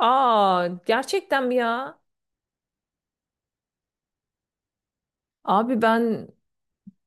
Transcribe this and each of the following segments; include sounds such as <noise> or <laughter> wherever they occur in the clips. Aa, gerçekten mi ya? Abi ben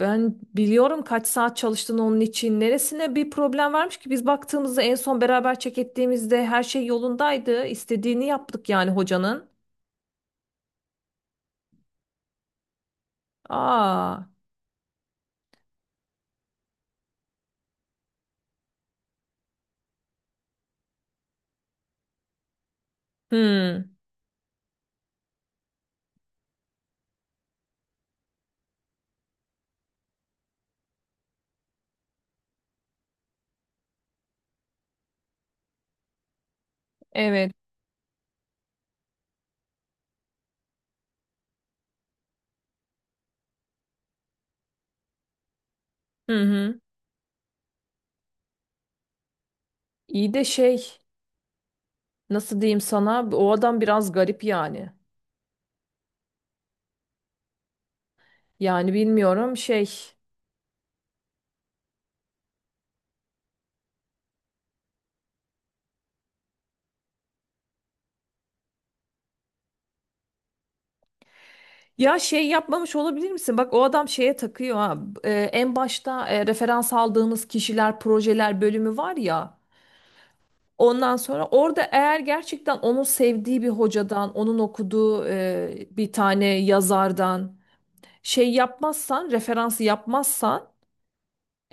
ben biliyorum kaç saat çalıştın onun için. Neresine bir problem varmış ki biz baktığımızda en son beraber çek ettiğimizde her şey yolundaydı. İstediğini yaptık yani hocanın. Aa, hmm, evet. Hı hı. İyi de şey nasıl diyeyim sana o adam biraz garip yani. Yani bilmiyorum şey. Ya şey yapmamış olabilir misin? Bak o adam şeye takıyor ha. En başta referans aldığımız kişiler, projeler bölümü var ya. Ondan sonra orada eğer gerçekten onun sevdiği bir hocadan, onun okuduğu bir tane yazardan şey yapmazsan, referans yapmazsan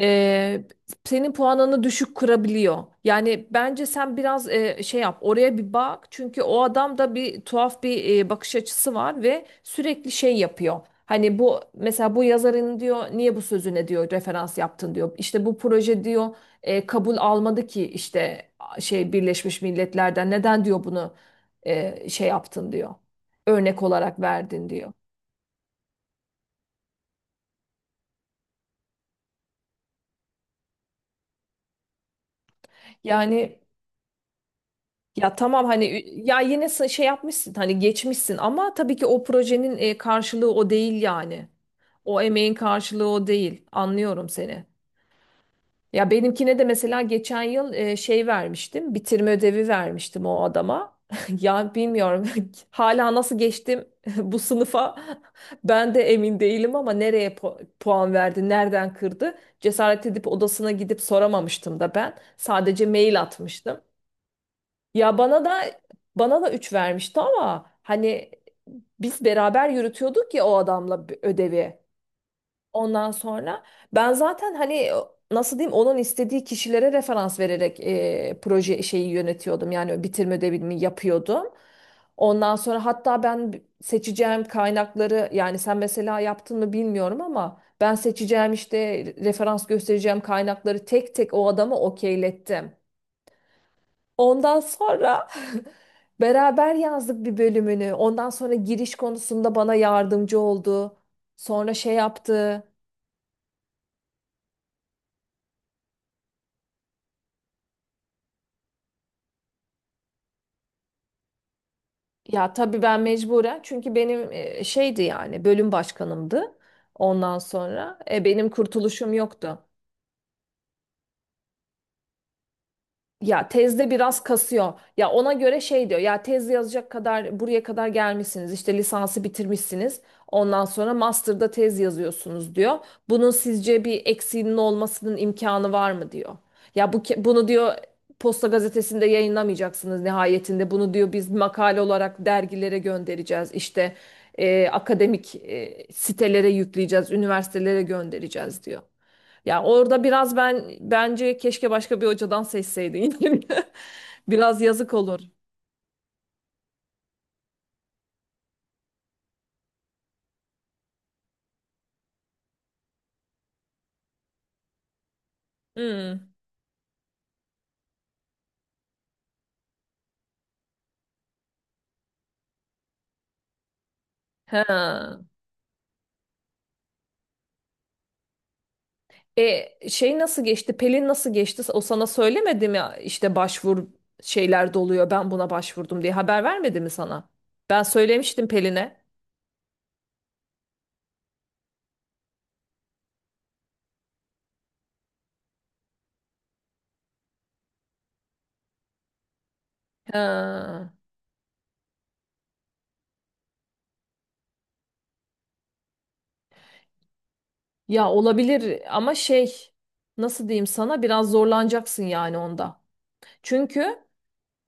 e, senin puanını düşük kırabiliyor. Yani bence sen biraz şey yap, oraya bir bak. Çünkü o adam da bir tuhaf bir bakış açısı var ve sürekli şey yapıyor. Hani bu mesela bu yazarın diyor niye bu sözüne diyor referans yaptın diyor. İşte bu proje diyor kabul almadı ki işte şey Birleşmiş Milletler'den neden diyor bunu şey yaptın diyor. Örnek olarak verdin diyor. Yani ya tamam hani ya yine şey yapmışsın hani geçmişsin ama tabii ki o projenin karşılığı o değil yani. O emeğin karşılığı o değil. Anlıyorum seni. Ya benimkine de mesela geçen yıl şey vermiştim. Bitirme ödevi vermiştim o adama. <laughs> Ya bilmiyorum <laughs> hala nasıl geçtim <laughs> bu sınıfa <laughs> ben de emin değilim ama nereye puan verdi, nereden kırdı? Cesaret edip odasına gidip soramamıştım da ben. Sadece mail atmıştım. Ya bana da 3 vermişti ama hani biz beraber yürütüyorduk ya o adamla bir ödevi. Ondan sonra ben zaten hani nasıl diyeyim onun istediği kişilere referans vererek proje şeyi yönetiyordum. Yani bitirme ödevini yapıyordum. Ondan sonra hatta ben seçeceğim kaynakları yani sen mesela yaptın mı bilmiyorum ama ben seçeceğim işte referans göstereceğim kaynakları tek tek o adama okeylettim. Ondan sonra <laughs> beraber yazdık bir bölümünü. Ondan sonra giriş konusunda bana yardımcı oldu. Sonra şey yaptı. Ya tabii ben mecburen çünkü benim şeydi yani bölüm başkanımdı. Ondan sonra benim kurtuluşum yoktu. Ya tezde biraz kasıyor. Ya ona göre şey diyor. Ya tez yazacak kadar buraya kadar gelmişsiniz. İşte lisansı bitirmişsiniz. Ondan sonra master'da tez yazıyorsunuz diyor. Bunun sizce bir eksiğinin olmasının imkanı var mı diyor. Ya bu bunu diyor Posta gazetesinde yayınlamayacaksınız nihayetinde. Bunu diyor biz makale olarak dergilere göndereceğiz. İşte akademik sitelere yükleyeceğiz, üniversitelere göndereceğiz diyor. Ya orada biraz ben bence keşke başka bir hocadan seçseydin. <laughs> Biraz yazık olur. Hmm. Ha. Şey nasıl geçti? Pelin nasıl geçti? O sana söylemedi mi? İşte başvur şeyler doluyor. Ben buna başvurdum diye haber vermedi mi sana? Ben söylemiştim Pelin'e. Ha. Ya olabilir ama şey nasıl diyeyim sana biraz zorlanacaksın yani onda. Çünkü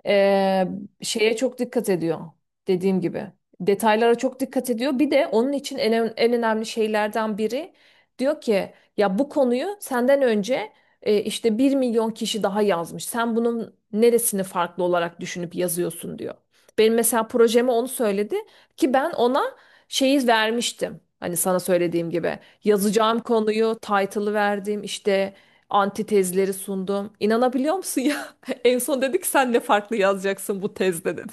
Ee, şeye çok dikkat ediyor dediğim gibi. Detaylara çok dikkat ediyor. Bir de onun için en önemli şeylerden biri diyor ki ya bu konuyu senden önce işte 1 milyon kişi daha yazmış. Sen bunun neresini farklı olarak düşünüp yazıyorsun diyor. Benim mesela projeme onu söyledi ki ben ona şeyi vermiştim. Hani sana söylediğim gibi yazacağım konuyu, title'ı verdim, işte antitezleri sundum. İnanabiliyor musun? <laughs> En son dedik sen ne farklı yazacaksın bu tezde dedi.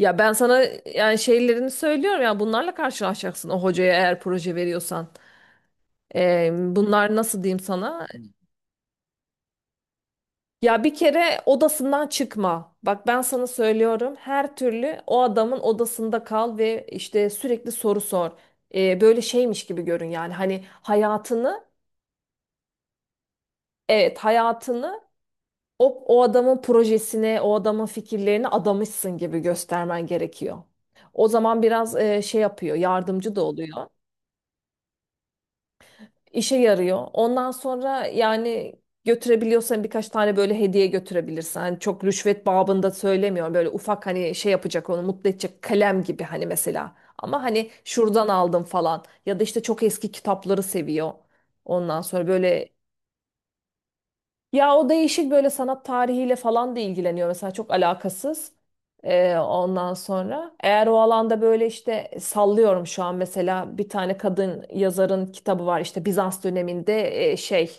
Ya ben sana yani şeylerini söylüyorum ya bunlarla karşılaşacaksın o hocaya eğer proje veriyorsan. Bunlar nasıl diyeyim sana? Ya bir kere odasından çıkma. Bak ben sana söylüyorum her türlü o adamın odasında kal ve işte sürekli soru sor. Böyle şeymiş gibi görün yani hani hayatını evet hayatını o adamın projesine, o adamın fikirlerine adamışsın gibi göstermen gerekiyor. O zaman biraz şey yapıyor, yardımcı da oluyor. İşe yarıyor. Ondan sonra yani götürebiliyorsan birkaç tane böyle hediye götürebilirsin. Hani çok rüşvet babında söylemiyorum. Böyle ufak hani şey yapacak onu mutlu edecek kalem gibi hani mesela. Ama hani şuradan aldım falan. Ya da işte çok eski kitapları seviyor. Ondan sonra böyle ya o değişik böyle sanat tarihiyle falan da ilgileniyor mesela çok alakasız. Ondan sonra eğer o alanda böyle işte sallıyorum şu an mesela bir tane kadın yazarın kitabı var işte Bizans döneminde şey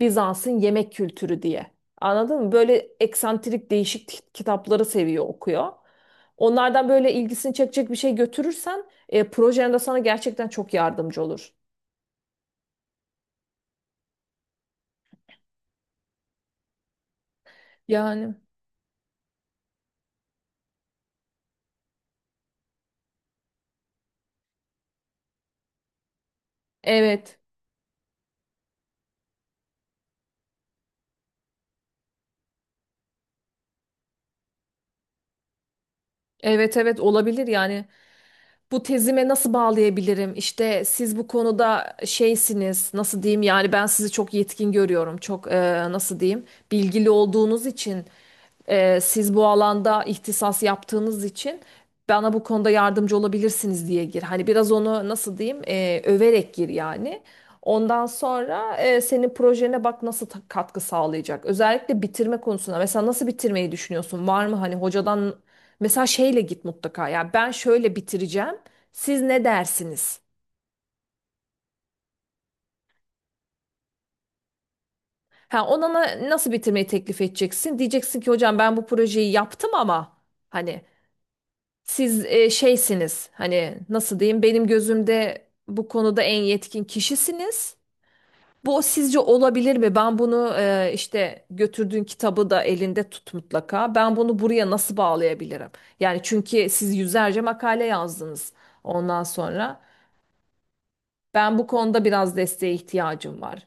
Bizans'ın yemek kültürü diye. Anladın mı? Böyle eksantrik değişik kitapları seviyor okuyor. Onlardan böyle ilgisini çekecek bir şey götürürsen projende sana gerçekten çok yardımcı olur. Yani evet. Evet evet olabilir yani. Bu tezime nasıl bağlayabilirim? İşte siz bu konuda şeysiniz, nasıl diyeyim? Yani ben sizi çok yetkin görüyorum, çok nasıl diyeyim? Bilgili olduğunuz için, siz bu alanda ihtisas yaptığınız için bana bu konuda yardımcı olabilirsiniz diye gir. Hani biraz onu nasıl diyeyim? Överek gir yani. Ondan sonra senin projene bak nasıl katkı sağlayacak. Özellikle bitirme konusunda. Mesela nasıl bitirmeyi düşünüyorsun? Var mı hani hocadan mesela şeyle git mutlaka. Ya ben şöyle bitireceğim. Siz ne dersiniz? Ha, ona nasıl bitirmeyi teklif edeceksin? Diyeceksin ki hocam ben bu projeyi yaptım ama hani siz şeysiniz. Hani nasıl diyeyim? Benim gözümde bu konuda en yetkin kişisiniz. Bu sizce olabilir mi? Ben bunu işte götürdüğün kitabı da elinde tut mutlaka. Ben bunu buraya nasıl bağlayabilirim? Yani çünkü siz yüzlerce makale yazdınız ondan sonra. Ben bu konuda biraz desteğe ihtiyacım var.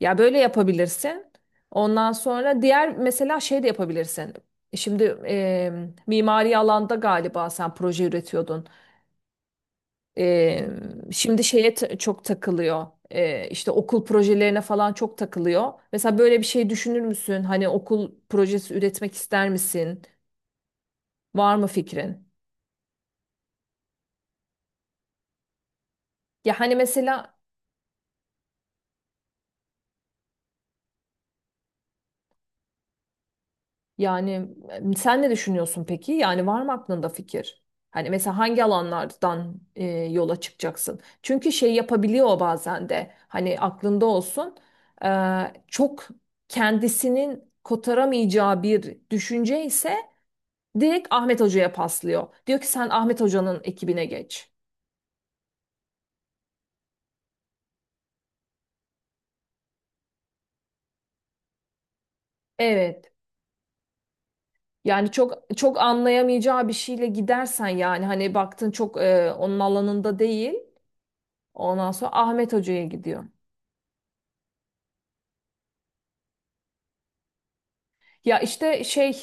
Ya böyle yapabilirsin. Ondan sonra diğer mesela şey de yapabilirsin. Şimdi mimari alanda galiba sen proje üretiyordun. E, şimdi şeye çok takılıyor. İşte okul projelerine falan çok takılıyor. Mesela böyle bir şey düşünür müsün? Hani okul projesi üretmek ister misin? Var mı fikrin? Ya hani mesela yani sen ne düşünüyorsun peki? Yani var mı aklında fikir? Hani mesela hangi alanlardan yola çıkacaksın? Çünkü şey yapabiliyor o bazen de. Hani aklında olsun. e, Çok kendisinin kotaramayacağı bir düşünce ise direkt Ahmet Hoca'ya paslıyor. Diyor ki sen Ahmet Hoca'nın ekibine geç. Evet. Yani çok çok anlayamayacağı bir şeyle gidersen yani hani baktın çok onun alanında değil. Ondan sonra Ahmet Hoca'ya gidiyor. Ya işte şey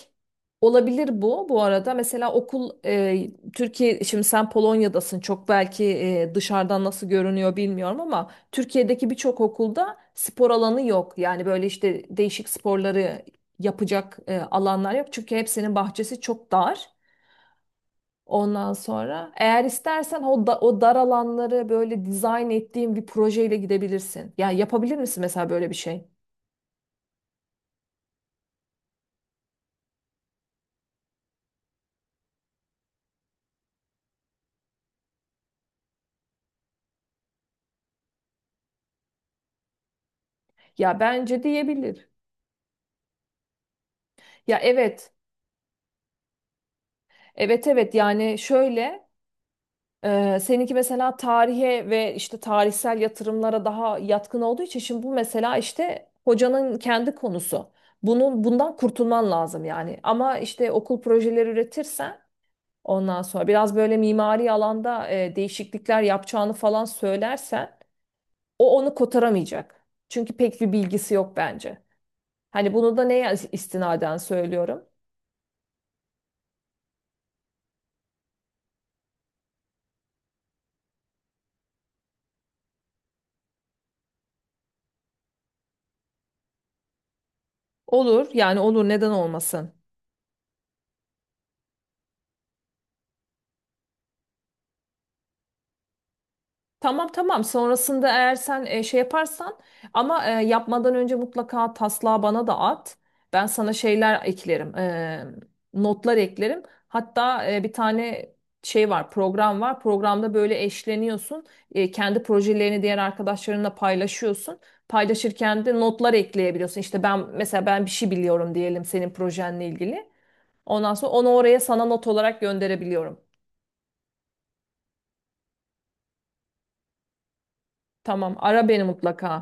olabilir bu arada. Mesela okul Türkiye şimdi sen Polonya'dasın çok belki dışarıdan nasıl görünüyor bilmiyorum ama Türkiye'deki birçok okulda spor alanı yok. Yani böyle işte değişik sporları yapacak alanlar yok. Çünkü hepsinin bahçesi çok dar. Ondan sonra eğer istersen o dar alanları böyle dizayn ettiğin bir projeyle gidebilirsin. Ya yapabilir misin mesela böyle bir şey? Ya bence diyebilir. Ya evet. Evet evet yani şöyle seninki mesela tarihe ve işte tarihsel yatırımlara daha yatkın olduğu için şimdi bu mesela işte hocanın kendi konusu. Bunun bundan kurtulman lazım yani. Ama işte okul projeleri üretirsen ondan sonra biraz böyle mimari alanda değişiklikler yapacağını falan söylersen o onu kotaramayacak. Çünkü pek bir bilgisi yok bence. Hani bunu da neye istinaden söylüyorum? Olur yani olur neden olmasın? Tamam tamam. Sonrasında eğer sen şey yaparsan ama yapmadan önce mutlaka taslağı bana da at. Ben sana şeyler eklerim. Notlar eklerim. Hatta bir tane şey var, program var. Programda böyle eşleniyorsun. Kendi projelerini diğer arkadaşlarınla paylaşıyorsun. Paylaşırken de notlar ekleyebiliyorsun. İşte ben mesela ben bir şey biliyorum diyelim senin projenle ilgili. Ondan sonra onu oraya sana not olarak gönderebiliyorum. Tamam, ara beni mutlaka.